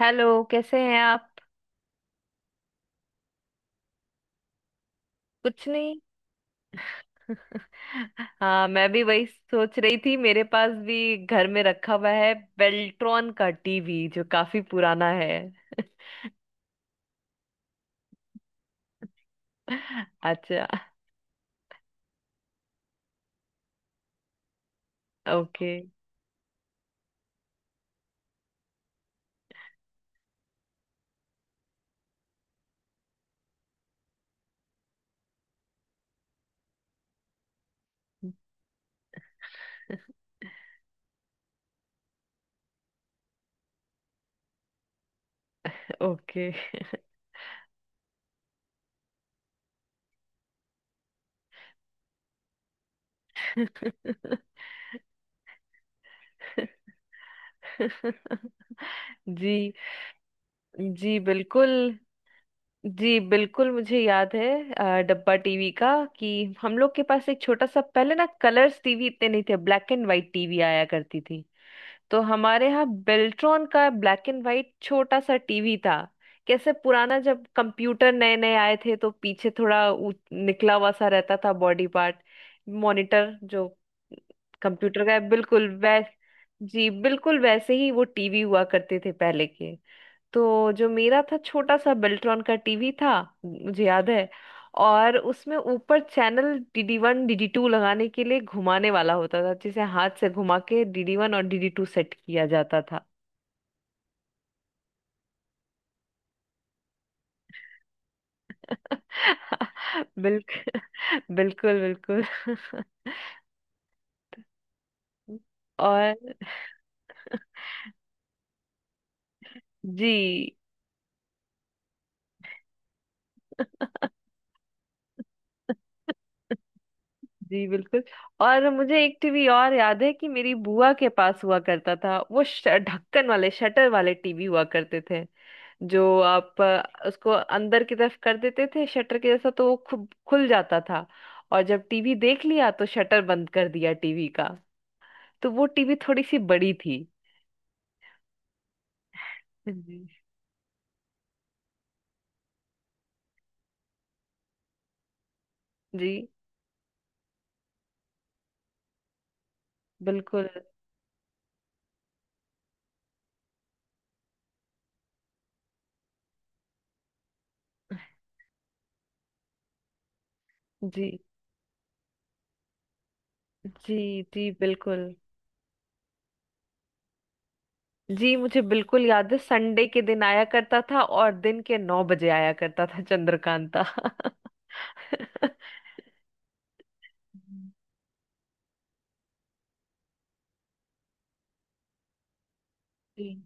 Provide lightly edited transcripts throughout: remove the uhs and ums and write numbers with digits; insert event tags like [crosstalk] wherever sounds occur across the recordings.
Hello, कैसे हैं आप? कुछ नहीं। [laughs] हाँ, मैं भी वही सोच रही थी, मेरे पास भी घर में रखा हुआ है बेल्ट्रॉन का टीवी जो काफी पुराना है। [laughs] अच्छा। ओके। ओके। [laughs] जी। जी बिल्कुल। जी बिल्कुल मुझे याद है डब्बा टीवी का, कि हम लोग के पास एक छोटा सा पहले ना, कलर्स टीवी इतने नहीं थे, ब्लैक एंड व्हाइट टीवी आया करती थी। तो हमारे यहाँ बेल्ट्रॉन का ब्लैक एंड वाइट छोटा सा टीवी था। कैसे पुराना, जब कंप्यूटर नए नए आए थे तो पीछे थोड़ा निकला हुआ सा रहता था, बॉडी पार्ट, मॉनिटर जो कंप्यूटर का है बिल्कुल वैस जी बिल्कुल वैसे ही वो टीवी हुआ करते थे पहले के। तो जो मेरा था, छोटा सा बेल्ट्रॉन का टीवी था, मुझे याद है। और उसमें ऊपर channel DD one DD two लगाने के लिए घुमाने वाला होता था, जिसे हाथ से घुमा के डीडी वन और डीडी टू सेट किया जाता था। [laughs] बिल्कुल। बिल्कुल बिल्कुल। [laughs] और जी जी बिल्कुल। और मुझे एक टीवी और याद है कि मेरी बुआ के पास हुआ करता था, वो ढक्कन वाले, शटर वाले टीवी हुआ करते थे। जो आप उसको अंदर की तरफ कर देते थे शटर के जैसा, तो वो खुद खुल जाता था। और जब टीवी देख लिया तो शटर बंद कर दिया टीवी का। तो वो टीवी थोड़ी सी बड़ी थी। जी। जी बिल्कुल। जी। जी जी बिल्कुल। जी मुझे बिल्कुल याद है, संडे के दिन आया करता था, और दिन के 9 बजे आया करता था चंद्रकांता। [laughs] जी।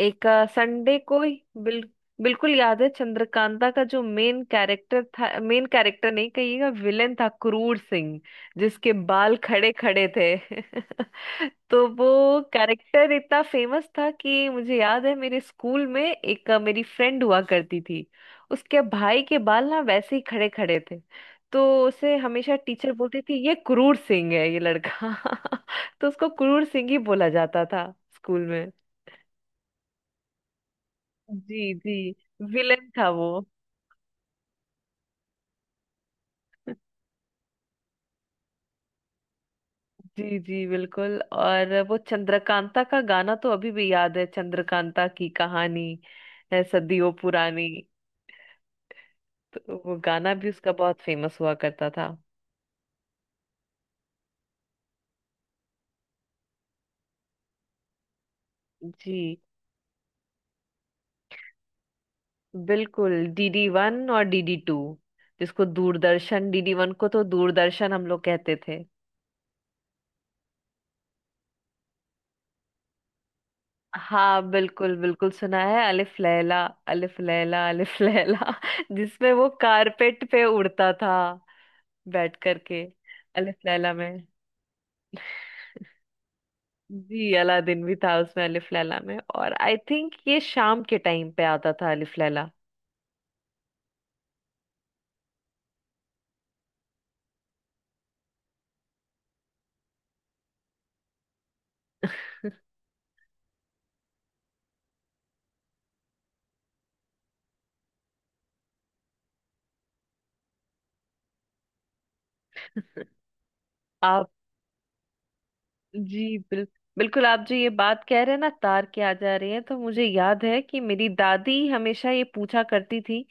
एक। संडे को ही। बिल, बिल्कुल याद है, चंद्रकांता का जो मेन कैरेक्टर था, मेन कैरेक्टर नहीं कहिएगा, विलेन था, क्रूर सिंह, जिसके बाल खड़े खड़े थे। [laughs] तो वो कैरेक्टर इतना फेमस था कि मुझे याद है, मेरे स्कूल में एक मेरी फ्रेंड हुआ करती थी। उसके भाई के बाल ना वैसे ही खड़े खड़े थे, तो उसे हमेशा टीचर बोलती थी, ये क्रूर सिंह है ये लड़का। [laughs] तो उसको क्रूर सिंह ही बोला जाता था स्कूल में। जी जी। विलेन था वो। जी जी बिल्कुल। और वो चंद्रकांता का गाना तो अभी भी याद है, चंद्रकांता की कहानी है सदियों पुरानी। तो वो गाना भी उसका बहुत फेमस हुआ करता था। जी बिल्कुल, डीडी वन और डीडी टू। जिसको दूरदर्शन, डीडी वन को तो दूरदर्शन हम लोग कहते थे। हाँ बिल्कुल बिल्कुल, सुना है अलिफ लैला। अलिफ लैला, अलिफ लैला। [laughs] जिसमें वो कारपेट पे उड़ता था बैठ करके, अलिफ लैला में। जी, अलादीन भी था उसमें, अलिफ लैला में, और आई थिंक ये शाम के टाइम पे आता था अलिफ लैला। आप जी बिल्कुल, आप जो ये बात कह रहे हैं ना तार के आ जा रही है, तो मुझे याद है कि मेरी दादी हमेशा ये पूछा करती थी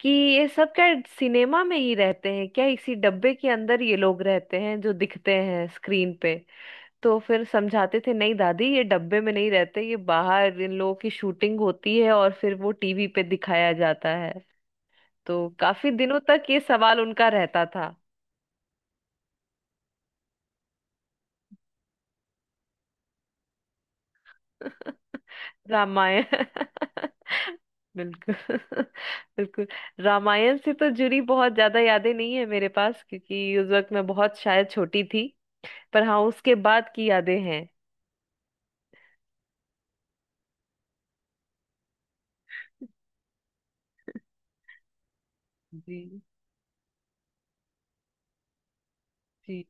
कि ये सब क्या सिनेमा में ही रहते हैं क्या, इसी डब्बे के अंदर ये लोग रहते हैं जो दिखते हैं स्क्रीन पे? तो फिर समझाते थे, नहीं दादी ये डब्बे में नहीं रहते, ये बाहर इन लोगों की शूटिंग होती है और फिर वो टीवी पे दिखाया जाता है। तो काफी दिनों तक ये सवाल उनका रहता था। [laughs] रामायण। [laughs] बिल्कुल। [laughs] बिल्कुल। रामायण से तो जुड़ी बहुत ज्यादा यादें नहीं है मेरे पास, क्योंकि उस वक्त मैं बहुत शायद छोटी थी। पर हाँ, उसके बाद की यादें हैं। जी जी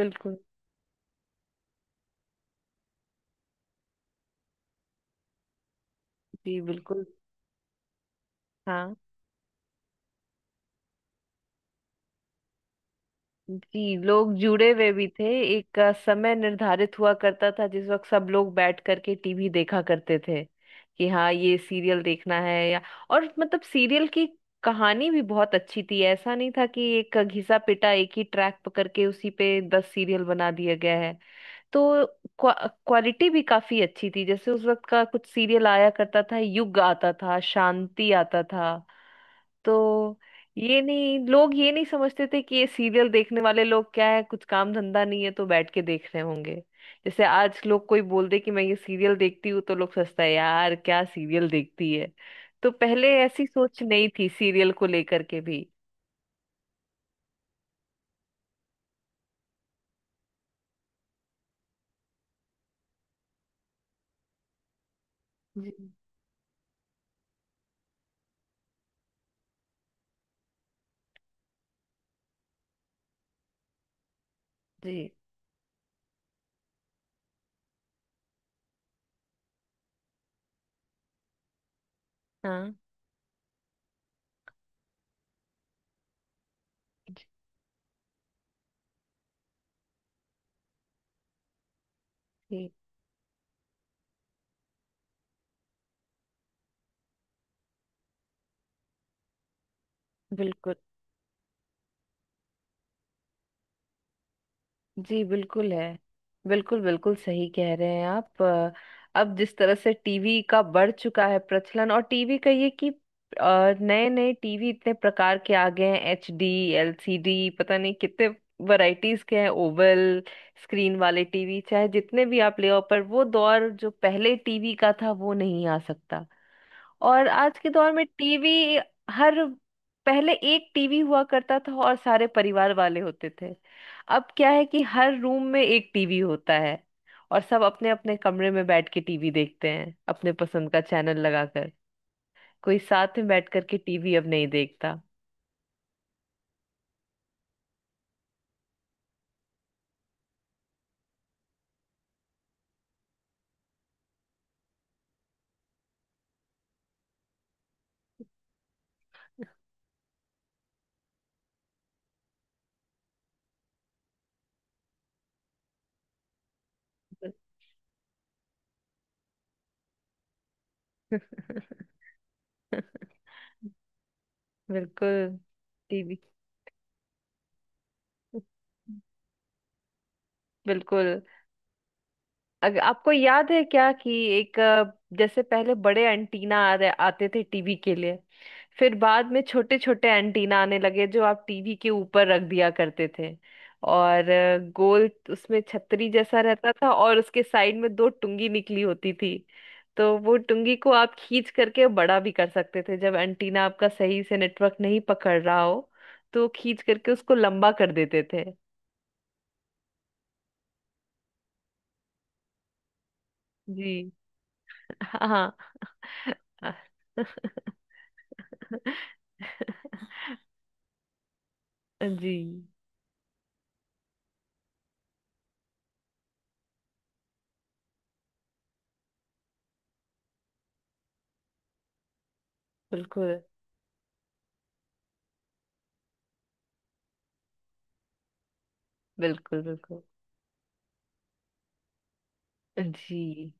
बिल्कुल। जी बिल्कुल। हाँ। जी, लोग जुड़े हुए भी थे। एक समय निर्धारित हुआ करता था जिस वक्त सब लोग बैठ करके टीवी देखा करते थे, कि हाँ ये सीरियल देखना है, या। और मतलब सीरियल की कहानी भी बहुत अच्छी थी, ऐसा नहीं था कि एक घिसा पिटा एक ही ट्रैक पकड़ के उसी पे 10 सीरियल बना दिया गया है। तो क्वा, क्वालिटी भी काफी अच्छी थी, जैसे उस वक्त का कुछ सीरियल आया करता था, युग आता था, शांति आता था। तो ये नहीं, लोग ये नहीं समझते थे कि ये सीरियल देखने वाले लोग क्या है, कुछ काम धंधा नहीं है तो बैठ के देख रहे होंगे। जैसे आज लोग कोई बोल दे कि मैं ये सीरियल देखती हूँ तो लोग सोचता है, यार क्या सीरियल देखती है। तो पहले ऐसी सोच नहीं थी सीरियल को लेकर के भी। जी जी। जी हाँ। जी बिल्कुल। जी बिल्कुल है। बिल्कुल बिल्कुल सही कह रहे हैं आप। अब जिस तरह से टीवी का बढ़ चुका है प्रचलन, और टीवी का ये कि नए नए टीवी इतने प्रकार के आ गए हैं, HD, LCD, पता नहीं कितने वैरायटीज के हैं, ओवल स्क्रीन वाले टीवी, चाहे जितने भी आप ले आओ, पर वो दौर जो पहले टीवी का था वो नहीं आ सकता। और आज के दौर में टीवी, हर पहले एक टीवी हुआ करता था और सारे परिवार वाले होते थे, अब क्या है कि हर रूम में एक टीवी होता है, और सब अपने अपने कमरे में बैठ के टीवी देखते हैं अपने पसंद का चैनल लगाकर। कोई साथ में बैठ करके टीवी अब नहीं देखता। [laughs] बिल्कुल। टीवी बिल्कुल। आपको याद है क्या कि एक जैसे पहले बड़े एंटीना आ रहे आते थे टीवी के लिए, फिर बाद में छोटे छोटे एंटीना आने लगे जो आप टीवी के ऊपर रख दिया करते थे। और गोल उसमें छतरी जैसा रहता था, और उसके साइड में दो टुंगी निकली होती थी। तो वो टुंगी को आप खींच करके बड़ा भी कर सकते थे जब एंटीना आपका सही से नेटवर्क नहीं पकड़ रहा हो, तो खींच करके उसको लंबा कर देते थे। जी हाँ। [laughs] [laughs] जी बिल्कुल बिल्कुल बिल्कुल। जी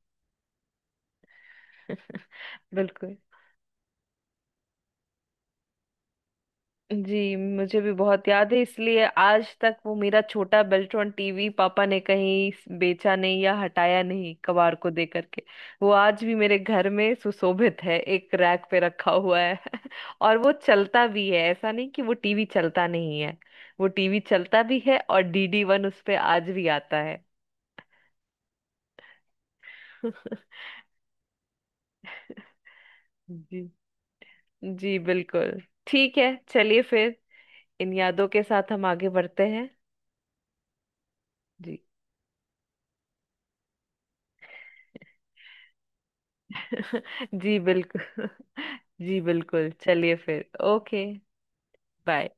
बिल्कुल। जी मुझे भी बहुत याद है, इसलिए आज तक वो मेरा छोटा बेल्ट्रॉन टीवी पापा ने कहीं बेचा नहीं या हटाया नहीं, कबाड़ को दे करके। वो आज भी मेरे घर में सुशोभित है, एक रैक पे रखा हुआ है। [laughs] और वो चलता भी है, ऐसा नहीं कि वो टीवी चलता नहीं है। वो टीवी चलता भी है, और डीडी वन उस पे आज भी आता है। [laughs] जी जी बिल्कुल। ठीक है, चलिए फिर इन यादों के साथ हम आगे बढ़ते हैं। जी जी बिल्कुल। [laughs] जी बिल्कुल, चलिए फिर, ओके। बाय।